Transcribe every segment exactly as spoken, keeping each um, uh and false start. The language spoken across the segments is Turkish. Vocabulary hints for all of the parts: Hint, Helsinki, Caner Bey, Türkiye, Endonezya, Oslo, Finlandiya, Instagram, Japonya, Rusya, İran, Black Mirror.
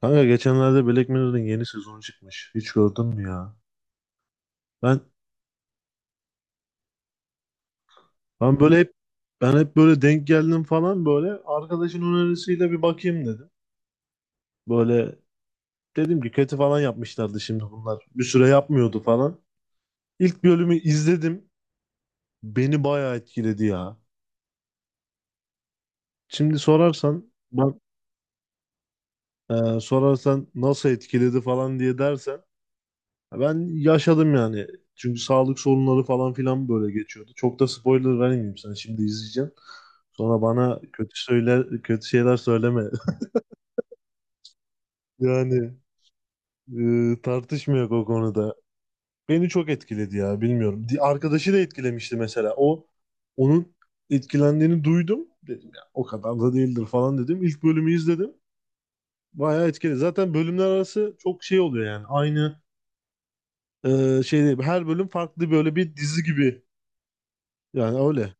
Kanka geçenlerde Black Mirror'ın yeni sezonu çıkmış. Hiç gördün mü ya? Ben ben böyle hep ben hep böyle denk geldim falan, böyle arkadaşın önerisiyle bir bakayım dedim. Böyle dedim ki kötü falan yapmışlardı şimdi bunlar. Bir süre yapmıyordu falan. İlk bölümü izledim. Beni bayağı etkiledi ya. Şimdi sorarsan bak e, Sorarsan nasıl etkiledi falan diye dersen, ben yaşadım yani. Çünkü sağlık sorunları falan filan böyle geçiyordu. Çok da spoiler vermeyeyim sana. Şimdi izleyeceğim. Sonra bana kötü söyler, kötü şeyler söyleme. Yani, e, tartışmıyor o konuda. Beni çok etkiledi ya, bilmiyorum. Di- Arkadaşı da etkilemişti mesela. O onun etkilendiğini duydum. Dedim ya, o kadar da değildir falan dedim. İlk bölümü izledim. Bayağı etkili. Zaten bölümler arası çok şey oluyor yani. Aynı e, şey değil. Her bölüm farklı, böyle bir dizi gibi. Yani öyle.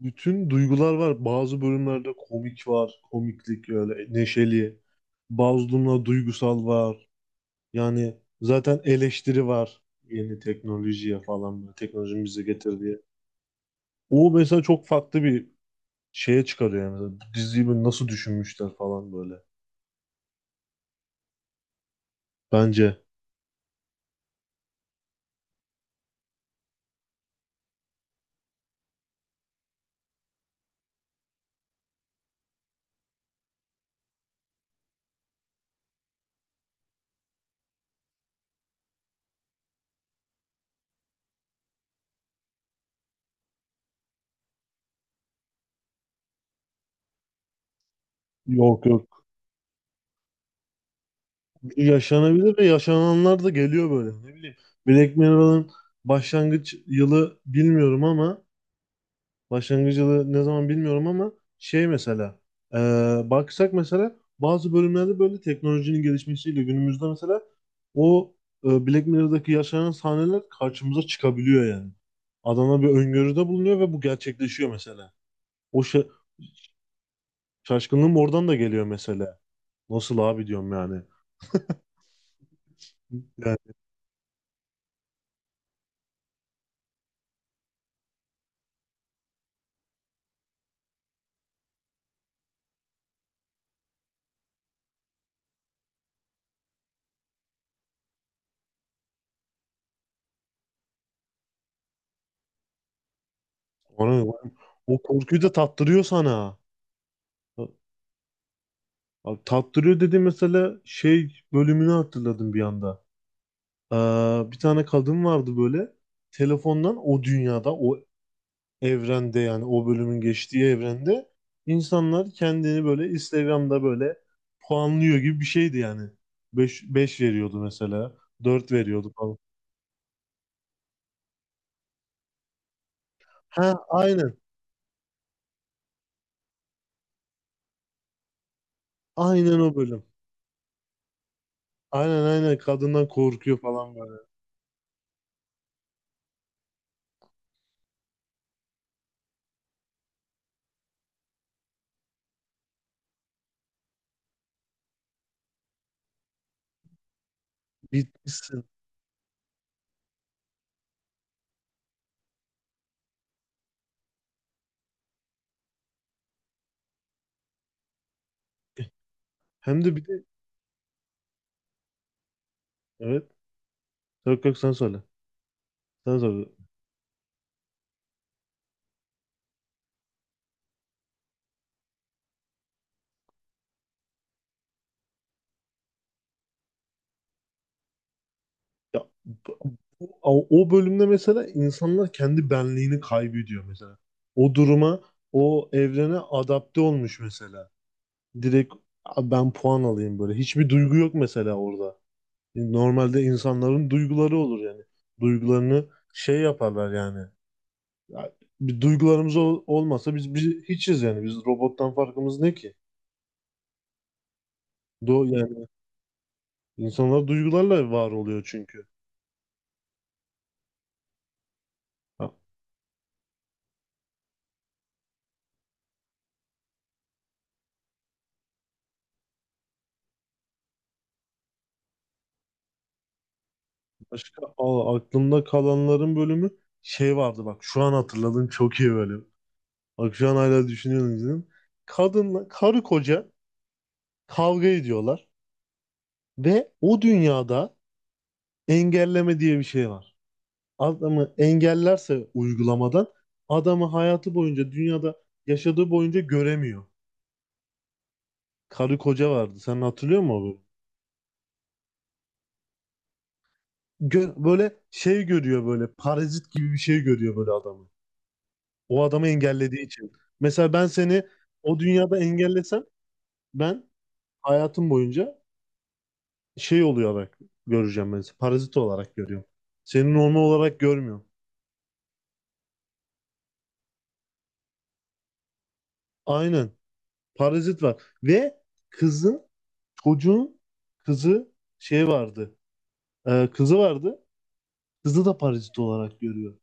Bütün duygular var. Bazı bölümlerde komik var. Komiklik öyle neşeli. Bazı durumlarda duygusal var. Yani zaten eleştiri var. Yeni teknolojiye falan böyle. Teknolojinin bize getirdiği. O mesela çok farklı bir şeye çıkarıyor yani. Mesela bu diziyi böyle nasıl düşünmüşler falan böyle. Bence. Yok yok. Yaşanabilir ve yaşananlar da geliyor böyle. Ne bileyim. Black Mirror'ın başlangıç yılı bilmiyorum ama başlangıç yılı ne zaman bilmiyorum ama şey mesela e, baksak mesela bazı bölümlerde böyle teknolojinin gelişmesiyle günümüzde mesela o e, Black Mirror'daki yaşanan sahneler karşımıza çıkabiliyor yani. Adamlar bir öngörüde bulunuyor ve bu gerçekleşiyor mesela. O şa- Şaşkınlığım oradan da geliyor mesela. Nasıl abi diyorum yani. Yani ona, o korkuyu da tattırıyor sana. Abi, tattırıyor dedi mesela, şey bölümünü hatırladım bir anda. Ee, Bir tane kadın vardı böyle, telefondan, o dünyada, o evrende, yani o bölümün geçtiği evrende insanlar kendini böyle Instagram'da böyle puanlıyor gibi bir şeydi yani. beş 5 veriyordu mesela. Dört veriyordu falan. Ha, aynen. Aynen o bölüm. Aynen aynen, kadından korkuyor falan böyle. Bitmişsin. Hem de bir de evet. Yok yok, sen söyle. Sen söyle. Ya b- bu- o o bölümde mesela insanlar kendi benliğini kaybediyor mesela. O duruma, o evrene adapte olmuş mesela. Direkt, "A, ben puan alayım" böyle. Hiçbir duygu yok mesela orada. Normalde insanların duyguları olur yani. Duygularını şey yaparlar yani. Ya, bir duygularımız ol- olmasa biz, biz hiçiz yani. Biz, robottan farkımız ne ki? Do yani insanlar duygularla var oluyor çünkü. Başka Aa, aklımda kalanların bölümü, şey vardı bak, şu an hatırladım, çok iyi bölüm. Bak şu an hala düşünüyorum, izledim. Kadınla, karı koca kavga ediyorlar ve o dünyada engelleme diye bir şey var. Adamı engellerse uygulamadan, adamı hayatı boyunca, dünyada yaşadığı boyunca göremiyor. Karı koca vardı. Sen hatırlıyor musun o bölümü? Gö- böyle şey görüyor, böyle parazit gibi bir şey görüyor böyle adamı. O adamı engellediği için. Mesela ben seni o dünyada engellesem, ben hayatım boyunca şey oluyor olarak göreceğim ben, seni. Parazit olarak görüyorum. Seni normal olarak görmüyorum. Aynen. Parazit var. Ve kızın, çocuğun kızı, şey vardı. Ee, kızı vardı. Kızı da parazit olarak görüyor.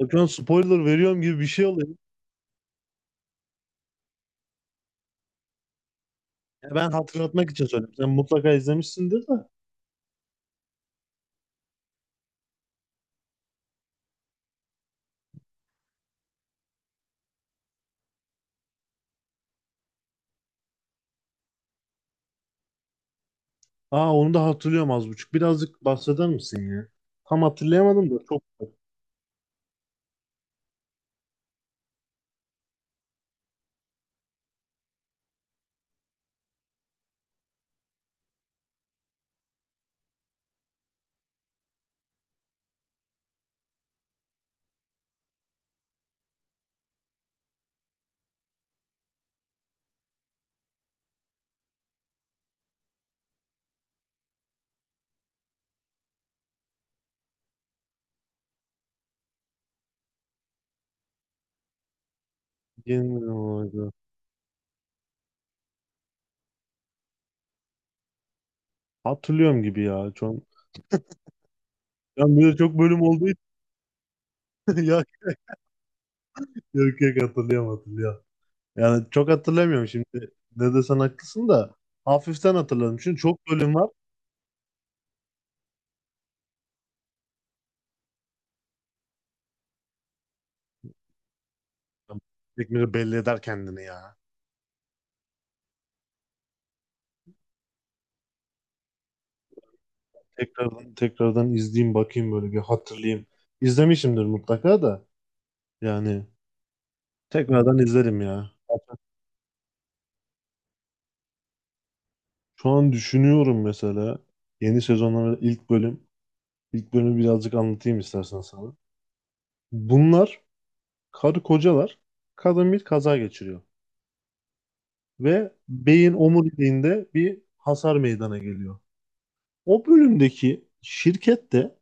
Bak, şu an spoiler veriyorum gibi bir şey oluyor. Ya ben hatırlatmak için söyledim. Sen mutlaka izlemişsindir de. Aa, onu da hatırlıyorum az buçuk. Birazcık bahseder misin ya? Tam hatırlayamadım da, çok yeni olaydı. Hatırlıyorum gibi ya. Çok, yani bir de çok bölüm olduğu için ya yok yok, hatırlıyorum hatırlıyorum. Yani çok hatırlamıyorum şimdi. Ne desen haklısın da, hafiften hatırladım. Çünkü çok bölüm var. Tekmiri belli eder kendini ya. Tekrardan tekrardan izleyeyim, bakayım böyle, bir hatırlayayım. İzlemişimdir mutlaka da, yani tekrardan izlerim ya. Şu an düşünüyorum mesela, yeni sezonların ilk bölüm. İlk bölümü birazcık anlatayım istersen sana. Bunlar karı kocalar. Kadın bir kaza geçiriyor. Ve beyin omuriliğinde bir hasar meydana geliyor. O bölümdeki şirket de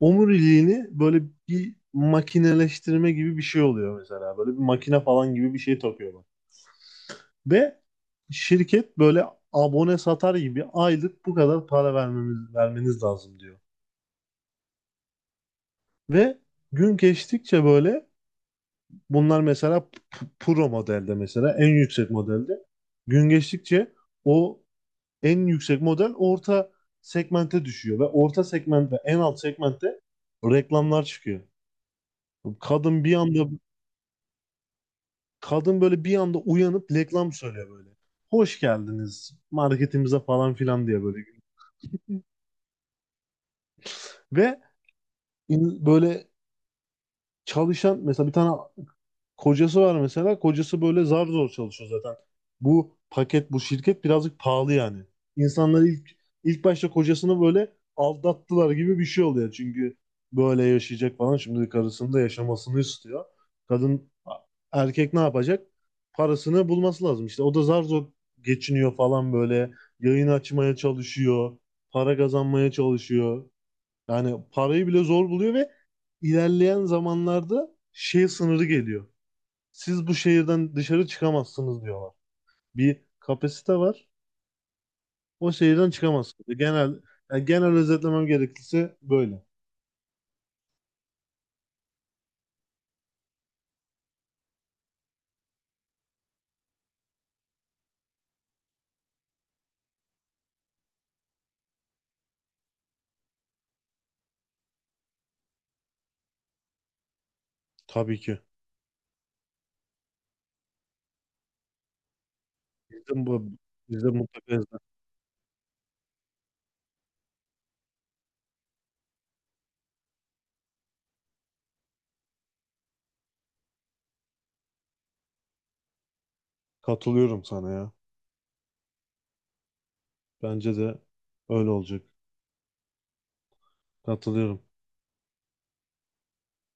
omuriliğini böyle bir makineleştirme gibi bir şey oluyor mesela. Böyle bir makine falan gibi bir şey takıyorlar. Ve şirket böyle abone satar gibi, aylık bu kadar para vermemiz, vermeniz lazım diyor. Ve gün geçtikçe böyle, bunlar mesela p- pro modelde, mesela en yüksek modelde gün geçtikçe o en yüksek model orta segmente düşüyor ve orta segment ve en alt segmentte reklamlar çıkıyor. Kadın bir anda, kadın böyle bir anda uyanıp reklam söylüyor böyle. "Hoş geldiniz marketimize" falan filan diye böyle. Ve in- böyle çalışan mesela, bir tane kocası var mesela. Kocası böyle zar zor çalışıyor zaten. Bu paket, bu şirket birazcık pahalı yani. İnsanlar ilk ilk başta kocasını böyle aldattılar gibi bir şey oluyor. Çünkü böyle yaşayacak falan. Şimdi karısının da yaşamasını istiyor. Kadın, erkek ne yapacak? Parasını bulması lazım. İşte o da zar zor geçiniyor falan böyle. Yayın açmaya çalışıyor. Para kazanmaya çalışıyor. Yani parayı bile zor buluyor ve ilerleyen zamanlarda şey sınırı geliyor, siz bu şehirden dışarı çıkamazsınız diyorlar. Bir kapasite var. O şehirden çıkamazsınız. Genel, yani genel özetlemem gerekirse böyle. Tabii ki. Bizim bu Bizde mutlaka izler. Katılıyorum sana ya. Bence de öyle olacak. Katılıyorum.